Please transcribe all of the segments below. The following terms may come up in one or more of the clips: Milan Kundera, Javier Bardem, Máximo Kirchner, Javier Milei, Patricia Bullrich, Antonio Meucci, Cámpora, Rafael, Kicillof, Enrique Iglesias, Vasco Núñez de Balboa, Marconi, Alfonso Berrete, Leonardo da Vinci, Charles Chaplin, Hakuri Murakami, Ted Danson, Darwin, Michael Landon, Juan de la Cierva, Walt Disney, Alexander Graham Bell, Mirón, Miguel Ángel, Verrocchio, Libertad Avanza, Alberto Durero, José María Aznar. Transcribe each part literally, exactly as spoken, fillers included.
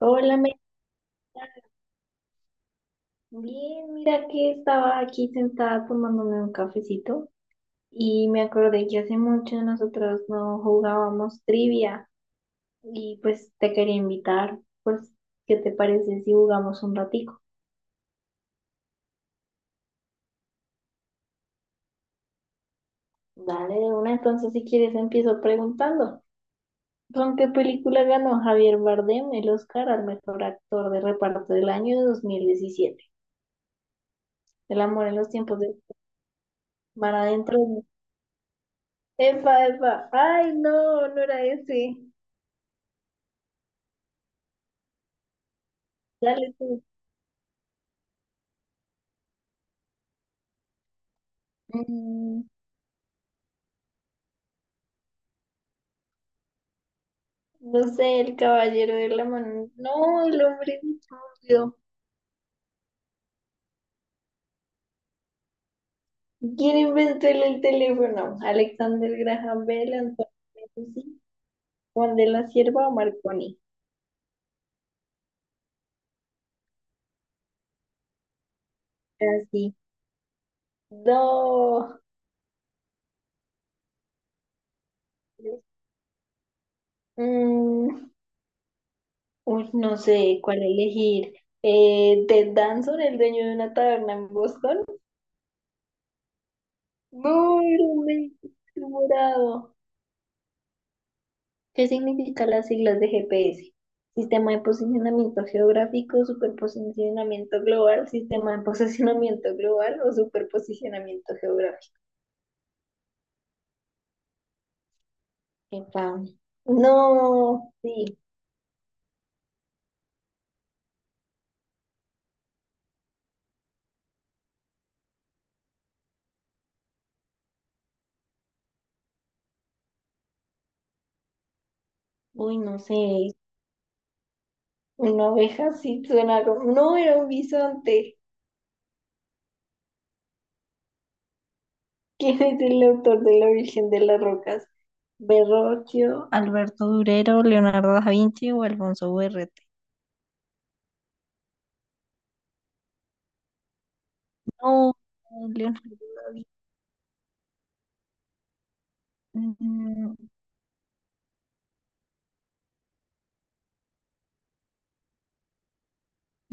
Hola, me... bien, mira que estaba aquí sentada tomándome un cafecito y me acordé que hace mucho nosotros no jugábamos trivia y pues te quería invitar, pues, ¿qué te parece si jugamos un ratico? Dale, de una, entonces si quieres empiezo preguntando. ¿Con qué película ganó Javier Bardem el Oscar al mejor actor de reparto del año dos mil diecisiete? El amor en los tiempos de mar adentro. Epa, epa, ay, no, no era ese. Dale tú. Mm, No sé, el caballero de la mano. No, el hombre de dinosaurio. ¿Quién inventó el, el teléfono? Alexander Graham Bell, Antonio Meucci, Juan de la Cierva o Marconi. Así. No. Mm, Uy, no sé cuál elegir. Eh, Ted Danson, el dueño de una taberna en Boston. No, era un médico morado. ¿Qué significan las siglas de G P S? Sistema de Posicionamiento Geográfico, Superposicionamiento Global, Sistema de Posicionamiento Global o Superposicionamiento Geográfico. Epa. No, sí. Uy, no sé. Una oveja sí suena como. No, era un bisonte. ¿Quién es el autor de La Virgen de las Rocas? Verrocchio, Alberto Durero, Leonardo da Vinci o Alfonso Berrete. No, Leonardo da Vinci.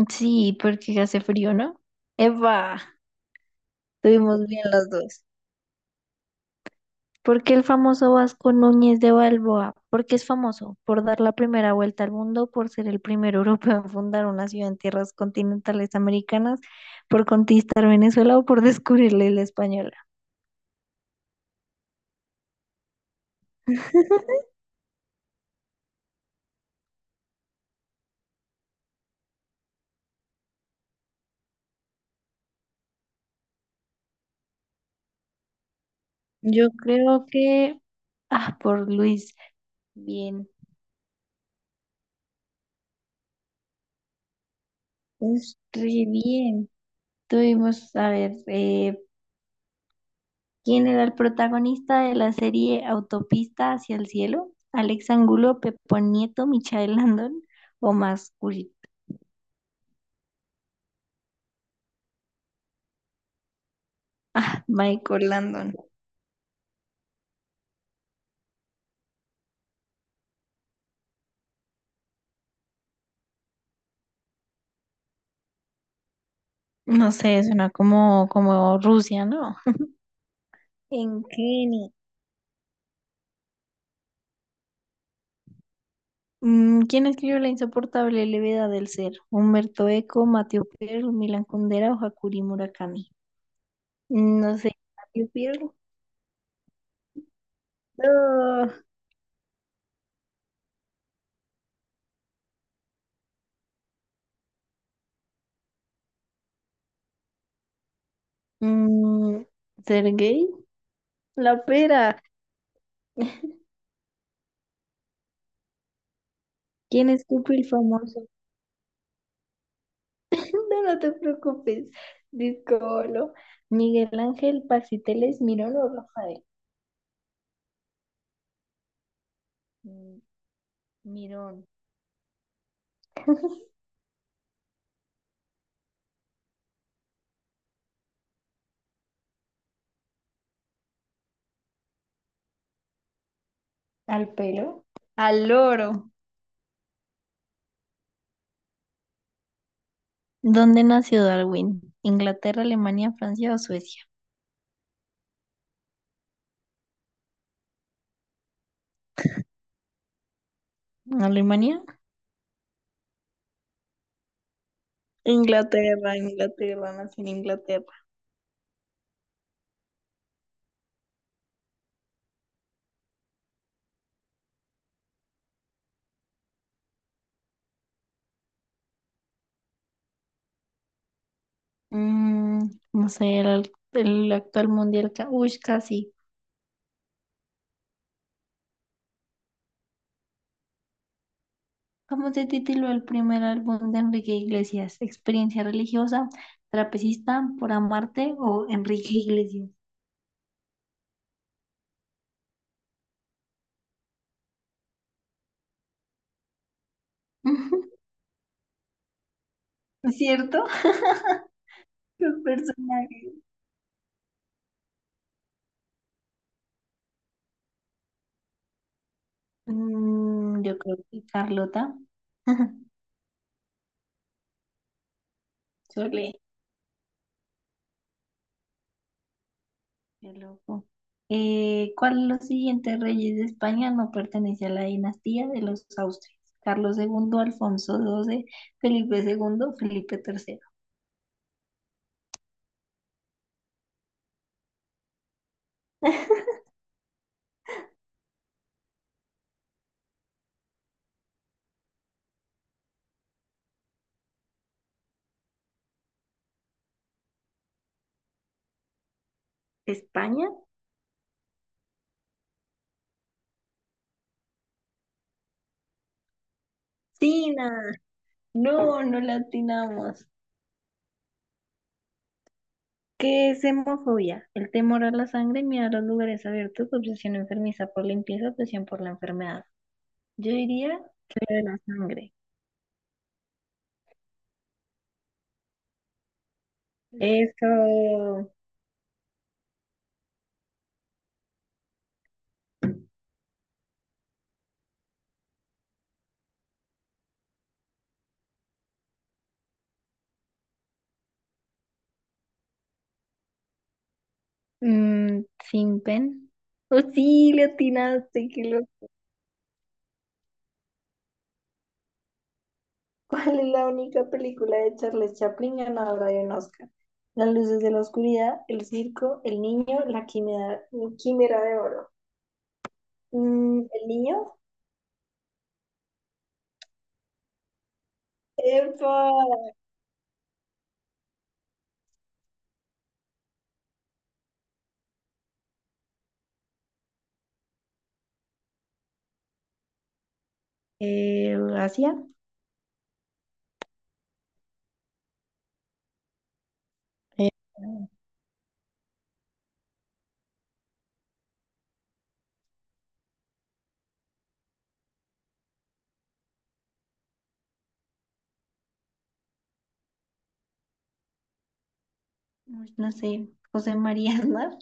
Sí, porque hace frío, ¿no? Eva, estuvimos bien las dos. ¿Por qué el famoso Vasco Núñez de Balboa? ¿Por qué es famoso? Por dar la primera vuelta al mundo, por ser el primer europeo en fundar una ciudad en tierras continentales americanas, por conquistar Venezuela o por descubrir la isla española. Yo creo que. Ah, por Luis. Bien. Pues re bien. Tuvimos, a ver, eh. ¿Quien era el protagonista de la serie Autopista hacia el cielo, Alex Angulo, Pepo Nieto, Michael Landon o más culpa? Michael Landon. No sé, suena como, como Rusia, ¿no? En Kenny. Mm, ¿Quién escribió La insoportable levedad del ser? Humberto Eco, Mateo Perl, Milan Kundera o Hakuri Murakami. Mm, No sé, Mateo Perl. No. mm, Sergei La Pera. ¿Quién escupe el famoso? No, no te preocupes. Discolo. Miguel Ángel Pasiteles Mirón o Rafael. Mm, Mirón. Al pelo. Al loro. ¿Dónde nació Darwin? ¿Inglaterra, Alemania, Francia o Suecia? ¿Alemania? Inglaterra, Inglaterra, nací en Inglaterra. Mm, no sé, el, al- el actual mundial. ca- Uy, casi. ¿Cómo se tituló el primer álbum de Enrique Iglesias? ¿Experiencia religiosa, trapecista, por amarte o Enrique Iglesias? ¿No ¿Cierto? Los personajes. Mm, yo creo que Carlota. Chole, qué loco. Eh, ¿cuál de los siguientes reyes de España no pertenece a la dinastía de los Austrias? Carlos segundo, Alfonso doce, Felipe segundo, Felipe tercero. ¿España? Tina, no, no la atinamos. ¿Qué es hemofobia? El temor a la sangre, miedo a los lugares abiertos, obsesión enfermiza por limpieza, obsesión por la enfermedad. Yo diría que lo de la sangre. Eso. Mm, sin pen. Oh, sí, le atinaste, qué loco. ¿Cuál es la única película de Charles Chaplin ganadora de un Oscar? Las luces de la oscuridad, El circo, El niño, La quimera, mm, quimera de oro. Mm, ¿el niño? ¡Epa! Eh, Asia. Eh, Uy, no sé, José María Aznar.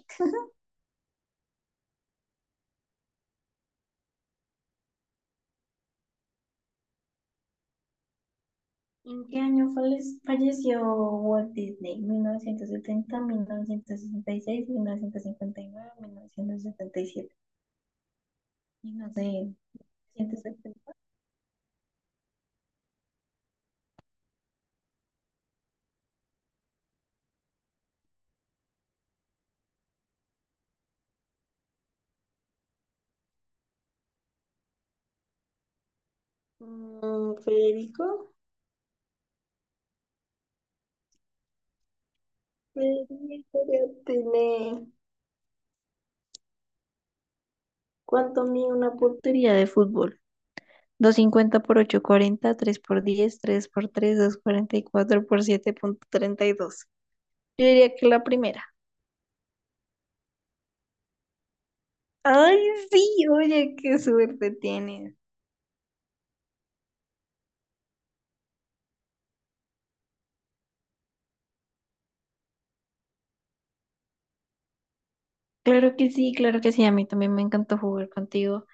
¿En qué año falle- falleció Walt Disney? ¿Mil novecientos setenta, mil novecientos sesenta y seis, mil mil novecientos novecientos cincuenta y nueve, mil novecientos setenta y siete? Y no sé, ciento setenta. Mm, Federico, Federico, ya tiene. ¿Cuánto mide una portería de fútbol? Doscientos cincuenta por ochocientos cuarenta, tres por diez, tres por tres, doscientos cuarenta y cuatro por siete punto treinta y dos. Yo diría que la primera. Ay, sí, oye, qué suerte tienes. Claro que sí, claro que sí. A mí también me encantó jugar contigo.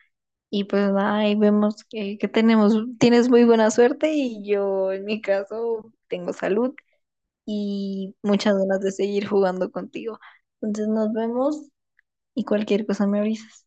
Y pues nada, ahí vemos que, que tenemos, tienes muy buena suerte y yo en mi caso tengo salud y muchas ganas de seguir jugando contigo. Entonces nos vemos y cualquier cosa me avisas.